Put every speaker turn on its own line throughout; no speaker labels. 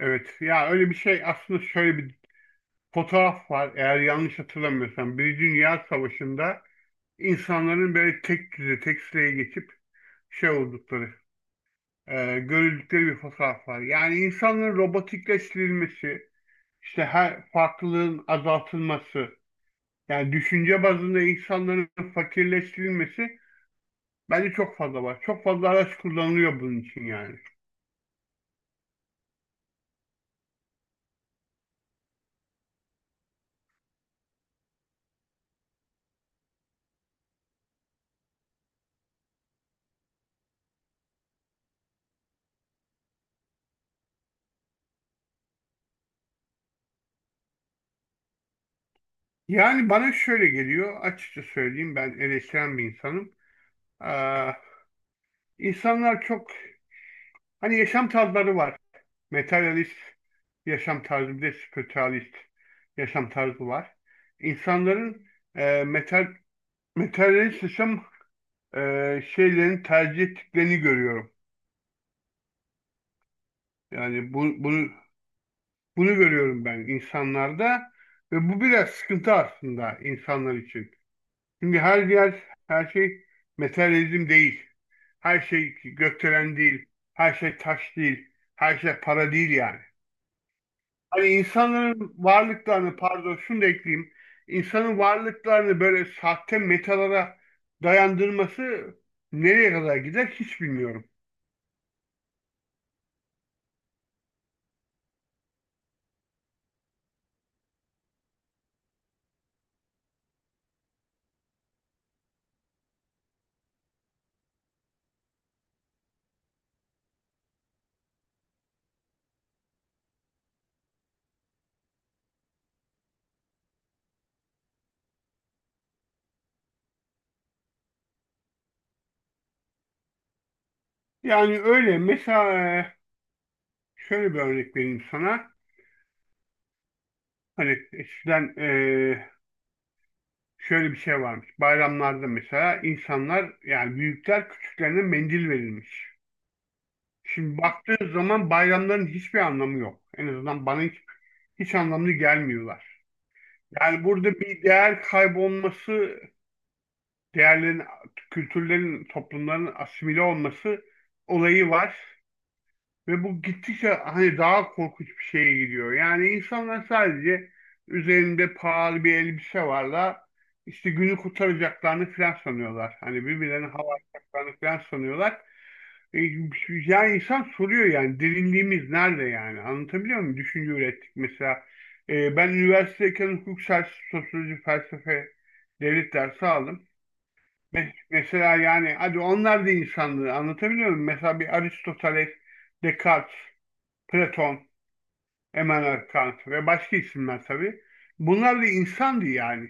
Evet ya öyle bir şey aslında şöyle bir fotoğraf var eğer yanlış hatırlamıyorsam. Bir Dünya Savaşı'nda insanların böyle tek düze tek sıraya geçip şey oldukları görüldükleri bir fotoğraf var. Yani insanların robotikleştirilmesi işte her farklılığın azaltılması yani düşünce bazında insanların fakirleştirilmesi bence çok fazla var. Çok fazla araç kullanılıyor bunun için yani. Yani bana şöyle geliyor, açıkça söyleyeyim, ben eleştiren bir insanım. İnsanlar çok hani yaşam tarzları var. Materyalist yaşam tarzı bir de spiritualist yaşam tarzı var. İnsanların e, metal, materyalist yaşam e, şeylerin tercih ettiklerini görüyorum. Yani bunu görüyorum ben insanlarda ve bu biraz sıkıntı aslında insanlar için. Çünkü her yer, her şey materyalizm değil. Her şey gökdelen değil. Her şey taş değil. Her şey para değil yani. Hani insanların varlıklarını, pardon şunu da ekleyeyim. İnsanın varlıklarını böyle sahte metalara dayandırması nereye kadar gider hiç bilmiyorum. Yani öyle mesela şöyle bir örnek vereyim sana. Hani eskiden şöyle bir şey varmış. Bayramlarda mesela insanlar, yani büyükler küçüklerine mendil verilmiş. Şimdi baktığın zaman bayramların hiçbir anlamı yok. En azından bana hiç, hiç anlamlı gelmiyorlar. Yani burada bir değer kaybolması, değerlerin, kültürlerin, toplumların asimile olması olayı var. Ve bu gittikçe hani daha korkunç bir şeye gidiyor. Yani insanlar sadece üzerinde pahalı bir elbise varla işte günü kurtaracaklarını falan sanıyorlar. Hani birbirlerine hava atacaklarını falan sanıyorlar. E, Yani insan soruyor, yani derinliğimiz nerede yani? Anlatabiliyor muyum? Düşünce ürettik mesela. Ben üniversitedeyken hukuk, siyaset, sosyoloji, felsefe, devlet dersi aldım. Mesela yani hadi onlar da insandı, anlatabiliyor muyum? Mesela bir Aristoteles, Descartes, Platon, Immanuel Kant ve başka isimler tabii. Bunlar da insandı yani.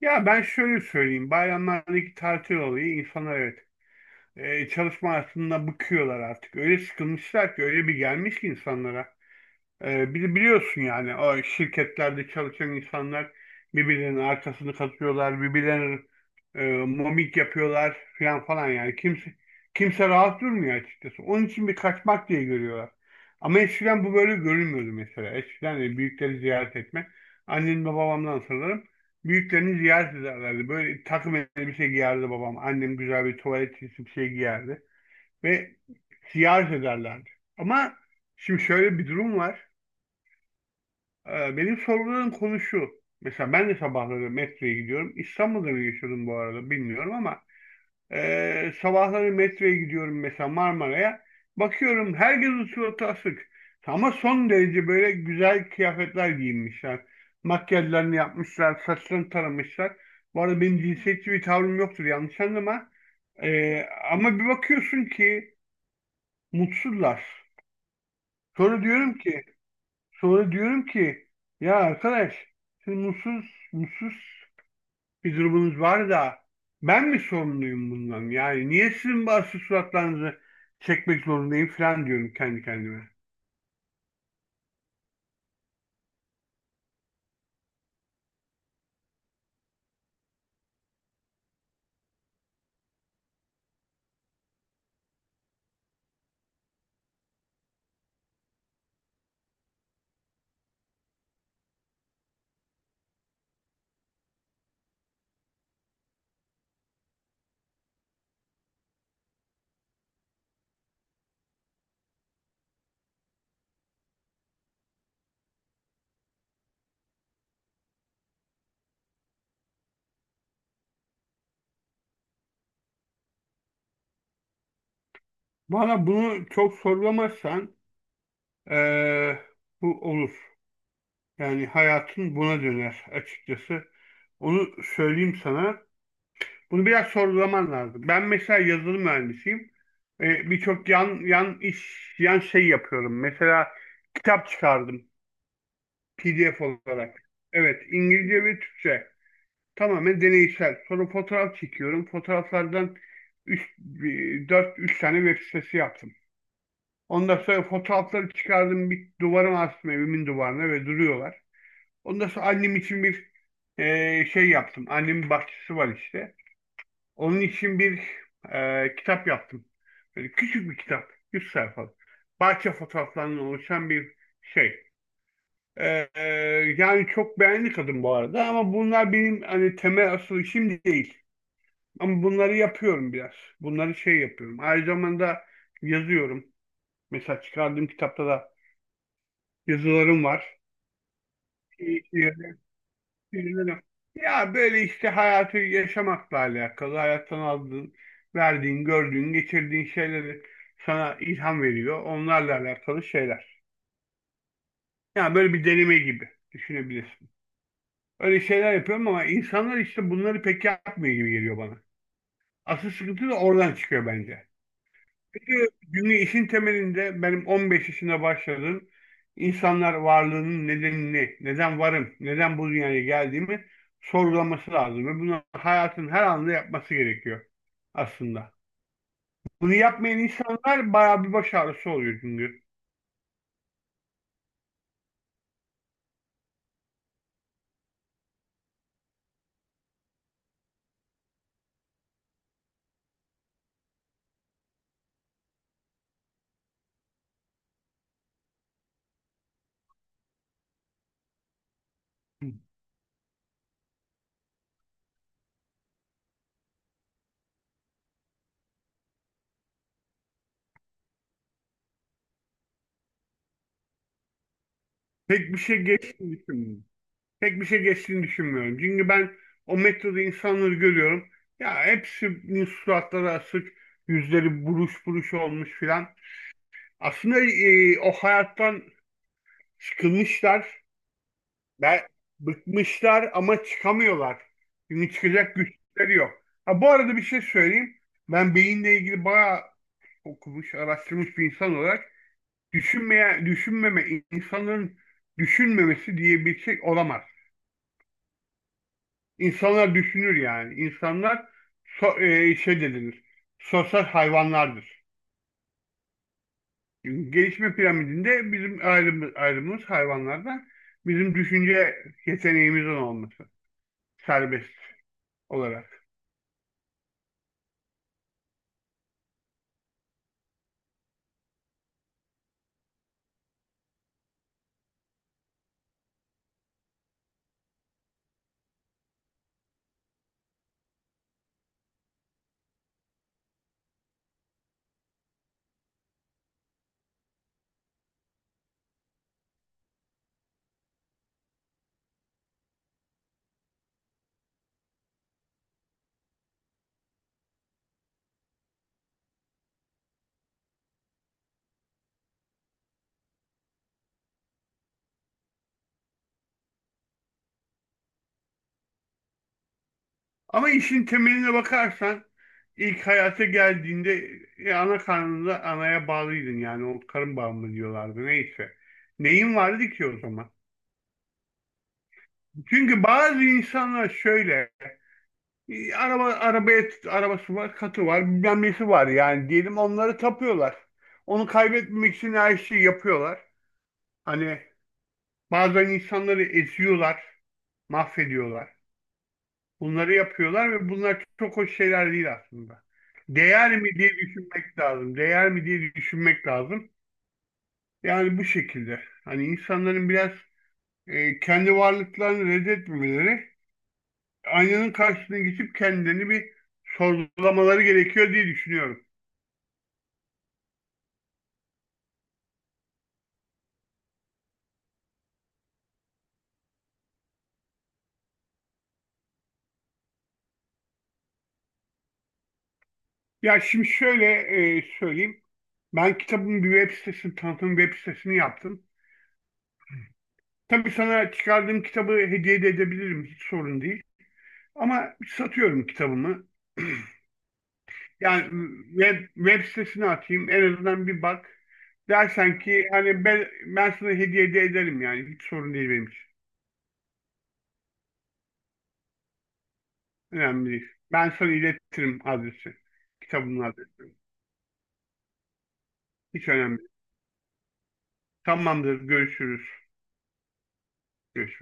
Ya ben şöyle söyleyeyim. Bayramlardaki tatil olayı, insanlar, evet, çalışma hayatında bıkıyorlar artık. Öyle sıkılmışlar ki, öyle bir gelmiş ki insanlara. Biliyorsun yani, o şirketlerde çalışan insanlar birbirlerinin arkasını katıyorlar, birbirlerine momik yapıyorlar falan falan, yani kimse rahat durmuyor açıkçası. Onun için bir kaçmak diye görüyorlar. Ama eskiden bu böyle görünmüyordu mesela. Eskiden de büyükleri ziyaret etme. Annem ve babamdan sanırım. Büyüklerini ziyaret ederlerdi. Böyle takım elbise giyerdi babam. Annem güzel bir tuvalet çizgisi bir şey giyerdi. Ve ziyaret ederlerdi. Ama şimdi şöyle bir durum var. Benim sorguladığım konu şu. Mesela ben de sabahları metroya gidiyorum. İstanbul'da mı yaşıyordum bu arada bilmiyorum ama sabahları metroya gidiyorum mesela, Marmara'ya. Bakıyorum herkesin suratı asık. Ama son derece böyle güzel kıyafetler giyinmişler. Makyajlarını yapmışlar, saçlarını taramışlar. Bu arada benim cinsiyetçi bir tavrım yoktur, yanlış anlama. E, ama bir bakıyorsun ki mutsuzlar. Sonra diyorum ki Sonra diyorum ki ya arkadaş, siz mutsuz, mutsuz bir durumunuz var da ben mi sorumluyum bundan? Yani niye sizin bazı suratlarınızı çekmek zorundayım falan diyorum kendi kendime. Bana bunu çok sorgulamazsan eee, bu olur. Yani hayatın buna döner açıkçası. Onu söyleyeyim sana. Bunu biraz sorgulaman lazım. Ben mesela yazılım mühendisiyim. Birçok yan iş, yan şey yapıyorum. Mesela kitap çıkardım. PDF olarak. Evet, İngilizce ve Türkçe. Tamamen deneysel. Sonra fotoğraf çekiyorum. Fotoğraflardan 4-3 tane web sitesi yaptım. Ondan sonra fotoğrafları çıkardım, bir duvara astım, evimin duvarına ve duruyorlar. Ondan sonra annem için bir şey yaptım. Annemin bahçesi var işte. Onun için bir kitap yaptım. Böyle küçük bir kitap. 100 sayfalık. Bahçe fotoğraflarından oluşan bir şey. Ee, e, yani çok beğendi kadın bu arada, ama bunlar benim hani temel asıl işim değil. Ama bunları yapıyorum biraz. Bunları şey yapıyorum. Aynı zamanda yazıyorum. Mesela çıkardığım kitapta da yazılarım var. Şiirlerim- şiirlerim. Ya, böyle işte hayatı yaşamakla alakalı, hayattan aldığın, verdiğin, gördüğün, geçirdiğin şeyleri sana ilham veriyor. Onlarla alakalı şeyler. Yani böyle bir deneme gibi düşünebilirsin. Öyle şeyler yapıyorum, ama insanlar işte bunları pek yapmıyor gibi geliyor bana. Asıl sıkıntı da oradan çıkıyor bence. Çünkü günlüğü işin temelinde, benim 15 yaşında başladığım, insanlar varlığının nedenini, neden varım, neden bu dünyaya geldiğimi sorgulaması lazım. Ve bunu hayatın her anında yapması gerekiyor aslında. Bunu yapmayan insanlar bayağı bir baş ağrısı oluyor çünkü. Pek bir şey geçmiyor. Pek bir şey geçtiğini düşünmüyorum. Çünkü ben o metroda insanları görüyorum. Ya, hepsinin suratları asık, yüzleri buruş buruş olmuş filan. Aslında o hayattan sıkılmışlar ve bıkmışlar ama çıkamıyorlar. Çünkü çıkacak güçleri yok. Ha, bu arada bir şey söyleyeyim. Ben beyinle ilgili bayağı okumuş, araştırmış bir insan olarak, düşünmeye, düşünmeme, insanların düşünmemesi diye bir şey olamaz. İnsanlar düşünür yani. İnsanlar şey dediğimiz sosyal hayvanlardır. Gelişme piramidinde bizim ayrımımız hayvanlardan, bizim düşünce yeteneğimizin olması, serbest olarak. Ama işin temeline bakarsan, ilk hayata geldiğinde ana karnında anaya bağlıydın, yani o karın bağı mı diyorlardı neyse. Neyin vardı ki o zaman? Çünkü bazı insanlar şöyle arabası var, katı var, bilmem nesi var, yani diyelim onları tapıyorlar. Onu kaybetmemek için her şeyi yapıyorlar. Hani bazen insanları eziyorlar, mahvediyorlar. Bunları yapıyorlar ve bunlar çok hoş şeyler değil aslında. Değer mi diye düşünmek lazım. Değer mi diye düşünmek lazım. Yani bu şekilde. Hani insanların biraz kendi varlıklarını reddetmemeleri, aynanın karşısına geçip kendilerini bir sorgulamaları gerekiyor diye düşünüyorum. Ya, şimdi şöyle söyleyeyim. Ben kitabın bir web sitesini, tanıtım web sitesini yaptım. Tabii sana çıkardığım kitabı hediye de edebilirim. Hiç sorun değil. Ama satıyorum kitabımı. Yani web sitesine atayım. En azından bir bak. Dersen ki hani ben sana hediye de ederim yani. Hiç sorun değil benim için. Önemli değil. Ben sana iletirim adresi. Kitabımın adresi. Hiç önemli değil. Tamamdır. Görüşürüz. Görüşürüz.